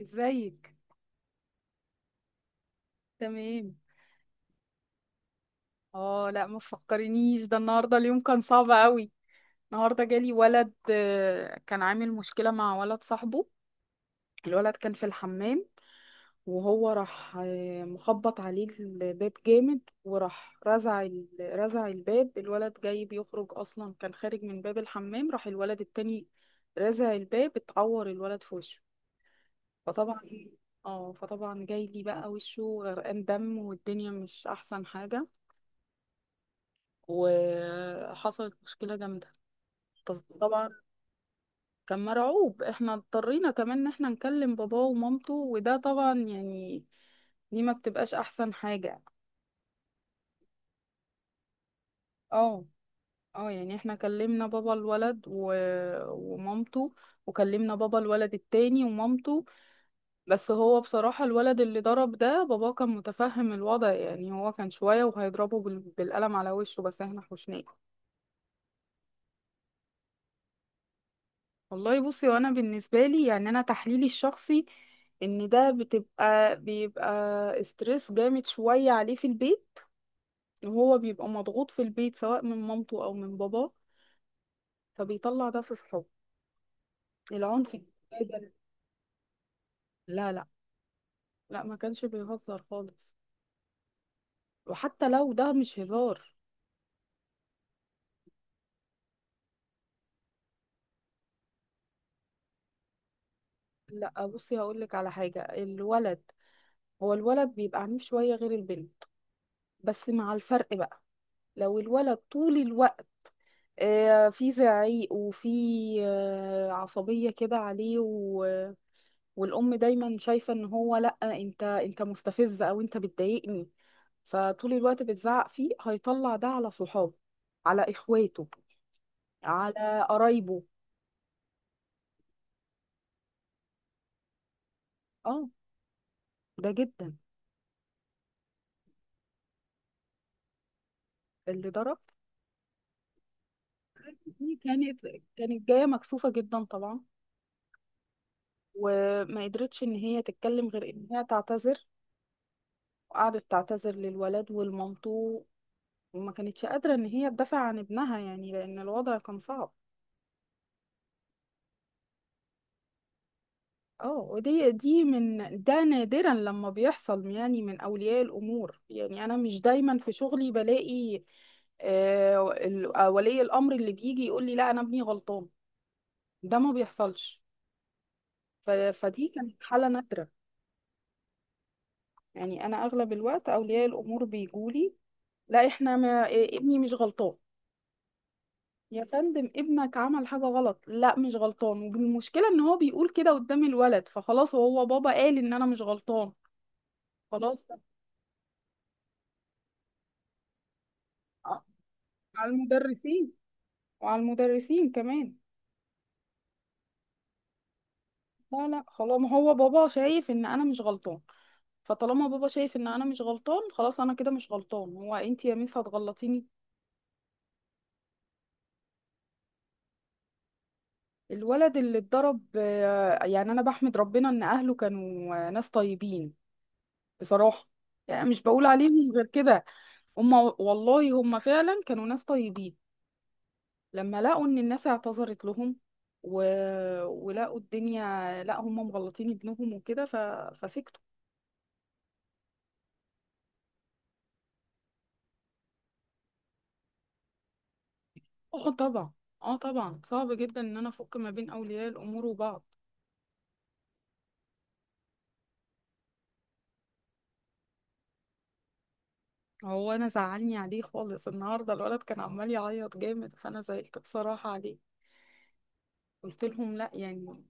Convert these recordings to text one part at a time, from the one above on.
ازيك؟ تمام. اه لا ما تفكرنيش، ده النهارده اليوم كان صعب قوي. النهارده جالي ولد كان عامل مشكله مع ولد صاحبه. الولد كان في الحمام، وهو راح مخبط عليه الباب جامد، وراح رزع رزع الباب. الولد جاي بيخرج اصلا، كان خارج من باب الحمام، راح الولد التاني رزع الباب، اتعور الولد في وشه. فطبعا، اه فطبعا جاي لي بقى وشه غرقان دم والدنيا مش احسن حاجة، وحصلت مشكلة جامدة. طبعا كان مرعوب. احنا اضطرينا كمان ان احنا نكلم باباه ومامته، وده طبعا يعني دي ما بتبقاش احسن حاجة. اه. اه يعني احنا كلمنا بابا الولد ومامته، وكلمنا بابا الولد التاني ومامته. بس هو بصراحة الولد اللي ضرب ده، باباه كان متفهم الوضع، يعني هو كان شوية وهيضربه بالقلم على وشه، بس احنا حوشناه. والله بصي، وانا بالنسبه لي يعني انا تحليلي الشخصي ان ده بيبقى استرس جامد شويه عليه في البيت، وهو بيبقى مضغوط في البيت سواء من مامته او من باباه، فبيطلع ده في صحابه، العنف. الجدال- لا لا. لا ما كانش بيهزر خالص، وحتى لو ده مش هزار. لا بصي هقول لك على حاجه. الولد، هو الولد بيبقى عنيف شويه غير البنت، بس مع الفرق بقى. لو الولد طول الوقت في زعيق، وفي عصبية كده عليه والأم دايما شايفة ان هو لأ، انت مستفز او انت بتضايقني، فطول الوقت بتزعق فيه، هيطلع ده على صحابه، على اخواته، على قرايبه. اه، ده جدا. اللي ضرب، دي كانت، كانت جاية مكسوفة جدا طبعا، وما قدرتش ان هي تتكلم غير ان هي تعتذر، وقعدت تعتذر للولد ولمامته، وما كانتش قادرة ان هي تدافع عن ابنها، يعني لان الوضع كان صعب. اه ودي، دي من ده نادرا لما بيحصل يعني من اولياء الامور، يعني انا مش دايما في شغلي بلاقي ولي الامر اللي بيجي يقول لي لا انا ابني غلطان. ده ما بيحصلش. فدي كانت حالة نادرة. يعني انا اغلب الوقت اولياء الامور بيجولي لا احنا ما ابني مش غلطان. يا فندم، ابنك عمل حاجة غلط. لا مش غلطان. والمشكلة ان هو بيقول كده قدام الولد، فخلاص هو بابا قال ان انا مش غلطان. خلاص. آه. على المدرسين، وعلى المدرسين كمان. لا لا خلاص، ما هو بابا شايف ان انا مش غلطان، فطالما بابا شايف ان انا مش غلطان، خلاص انا كده مش غلطان، هو انت يا ميس هتغلطيني؟ الولد اللي اتضرب يعني انا بحمد ربنا ان اهله كانوا ناس طيبين بصراحة، يعني مش بقول عليهم غير كده. هما والله هما فعلا كانوا ناس طيبين، لما لقوا ان الناس اعتذرت لهم و... ولقوا الدنيا، لا هما مغلطين ابنهم وكده، فسكتوا. اه طبعا. اه طبعا صعب جدا ان انا افك ما بين اولياء الامور وبعض. هو انا زعلني عليه خالص النهارده، الولد كان عمال يعيط جامد، فانا زعلت بصراحه عليه. قلت لهم لا يعني،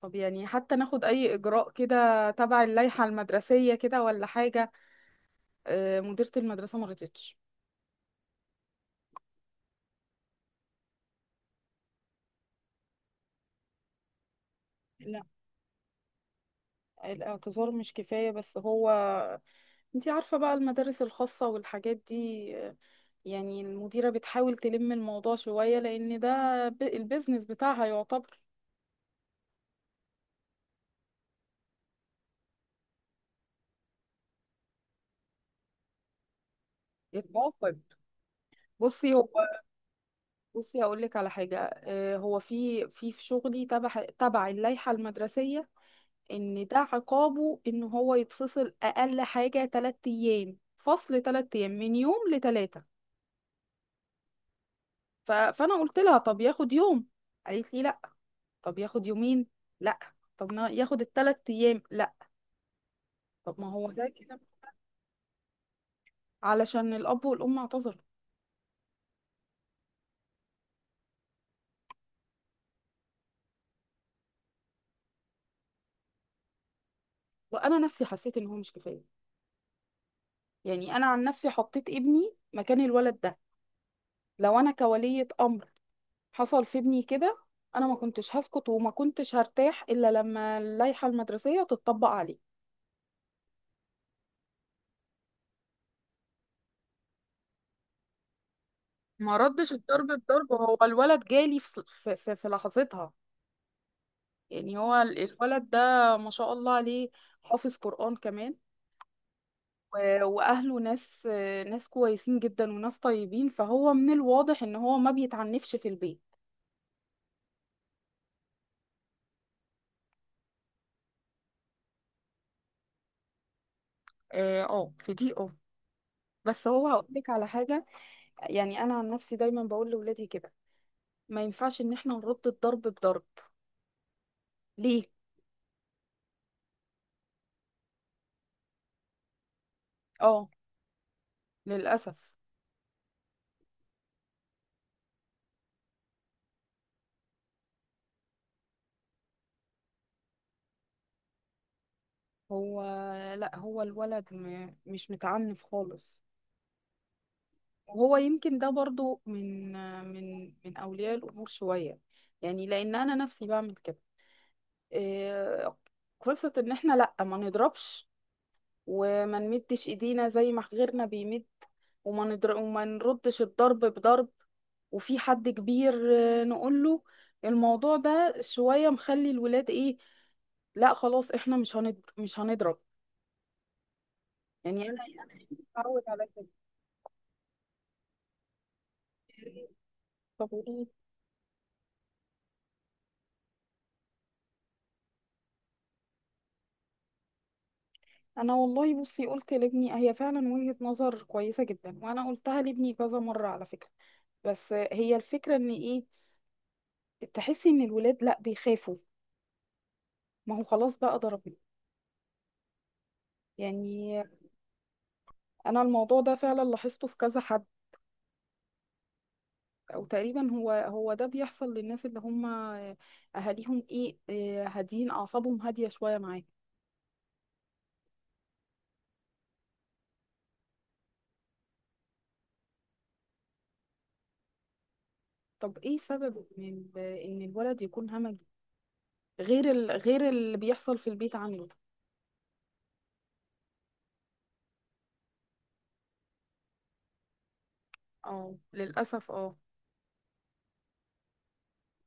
طب يعني حتى ناخد اي اجراء كده تبع اللائحه المدرسيه كده ولا حاجه. مديره المدرسه ما رضتش. لا الاعتذار مش كفاية، بس هو، انتي عارفة بقى المدارس الخاصة والحاجات دي، يعني المديرة بتحاول تلم الموضوع شوية لأن ده البيزنس بتاعها يعتبر. الموقف، بصي هو، بصي هقول لك على حاجة. هو في شغلي تبع اللائحة المدرسية، إن ده عقابه إن هو يتفصل أقل حاجة 3 أيام. فصل 3 أيام من يوم لتلاتة. فأنا قلت لها طب ياخد يوم. قالت لي لا. طب ياخد يومين. لا. طب ما ياخد ال 3 ايام. لا. طب ما هو ده كده علشان الاب والام اعتذروا. وانا نفسي حسيت ان هو مش كفايه. يعني انا عن نفسي حطيت ابني مكان الولد ده، لو انا كولية امر حصل في ابني كده، انا ما كنتش هسكت وما كنتش هرتاح الا لما اللائحه المدرسيه تتطبق عليه. ما ردش الضرب بضرب. هو الولد جالي في في لحظتها. يعني هو الولد ده ما شاء الله عليه، حافظ قرآن كمان. واهله ناس، ناس كويسين جدا وناس طيبين، فهو من الواضح ان هو ما بيتعنفش في البيت. اه. آه، في دي اه بس هو هقولك على حاجة، يعني انا عن نفسي دايما بقول لاولادي كده ما ينفعش ان احنا نرد الضرب بضرب. ليه؟ اه للاسف. هو لا، هو الولد مش متعنف خالص، وهو يمكن ده برضو من اولياء الامور شوية، يعني لان انا نفسي بعمل كده. إيه، قصة ان احنا لا ما نضربش، وما نمدش ايدينا زي ما غيرنا بيمد، وما نردش الضرب بضرب. وفي حد كبير نقول له الموضوع ده شوية مخلي الولاد ايه، لا خلاص احنا مش هنضرب، مش هنضرب. يعني انا اتعود على كده. طب وايه؟ انا والله بصي قلت لابني هي فعلا وجهة نظر كويسة جدا، وانا قلتها لابني كذا مرة على فكرة، بس هي الفكرة ان ايه، تحسي ان الولاد لا بيخافوا، ما هو خلاص بقى ضربني. يعني انا الموضوع ده فعلا لاحظته في كذا حد، او تقريبا هو ده بيحصل للناس اللي هم اهاليهم ايه إيه هادين اعصابهم، هاديه شويه معاك. طب ايه سبب ان ان الولد يكون همجي، غير غير اللي بيحصل في البيت عنده؟ اه للأسف اه.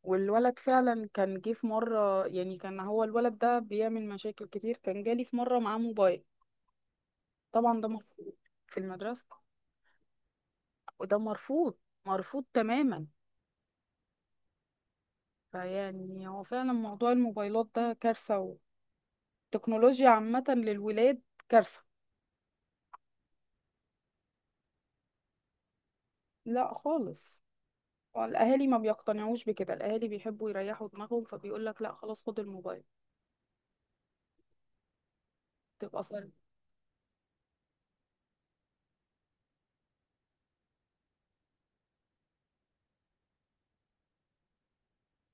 والولد فعلا كان جه في مرة، يعني كان هو الولد ده بيعمل مشاكل كتير، كان جالي في مرة معاه موبايل. طبعا ده مرفوض. في المدرسة؟ وده مرفوض، مرفوض تماما. فيعني هو فعلا موضوع الموبايلات ده كارثة، والتكنولوجيا عامة للولاد كارثة. لا خالص. الأهالي ما بيقتنعوش بكده، الأهالي بيحبوا يريحوا دماغهم فبيقول لك لا خلاص خد الموبايل. تبقى صار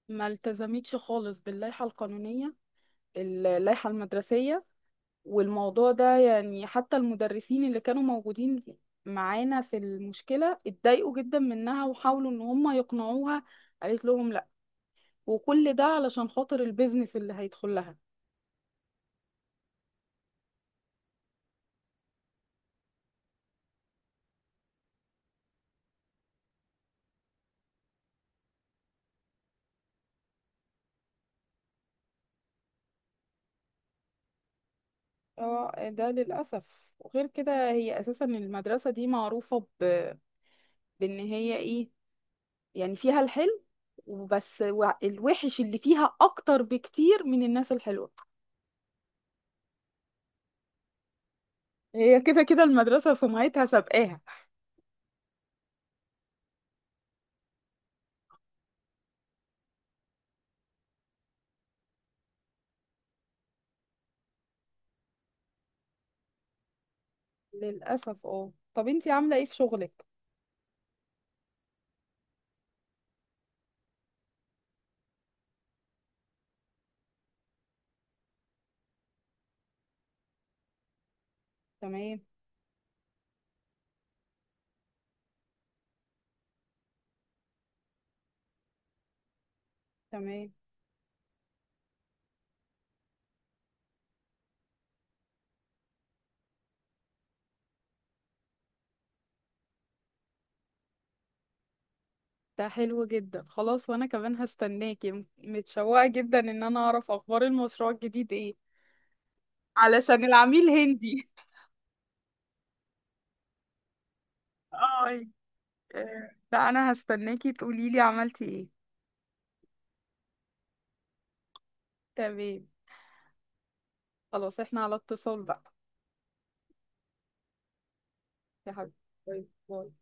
ما التزمتش خالص باللائحة القانونية، اللائحة المدرسية. والموضوع ده يعني حتى المدرسين اللي كانوا موجودين معانا في المشكلة اتضايقوا جدا منها، وحاولوا ان هم يقنعوها، قالت لهم لا، وكل ده علشان خاطر البيزنس اللي هيدخل لها. اه ده للأسف. وغير كده هي أساسا المدرسة دي معروفة بإن هي إيه، يعني فيها الحلو وبس، الوحش اللي فيها أكتر بكتير من الناس الحلوة. هي كده كده المدرسة سمعتها سابقاها. للأسف اه. طب انتي عاملة ايه في شغلك؟ تمام. تمام. ده حلو جدا، خلاص. وأنا كمان هستناكي، متشوقة جدا إن أنا أعرف أخبار المشروع الجديد ايه، علشان العميل هندي. اه. لا أنا هستناكي تقوليلي عملتي ايه. تمام. خلاص احنا على اتصال بقى. يا حبيبي. باي باي.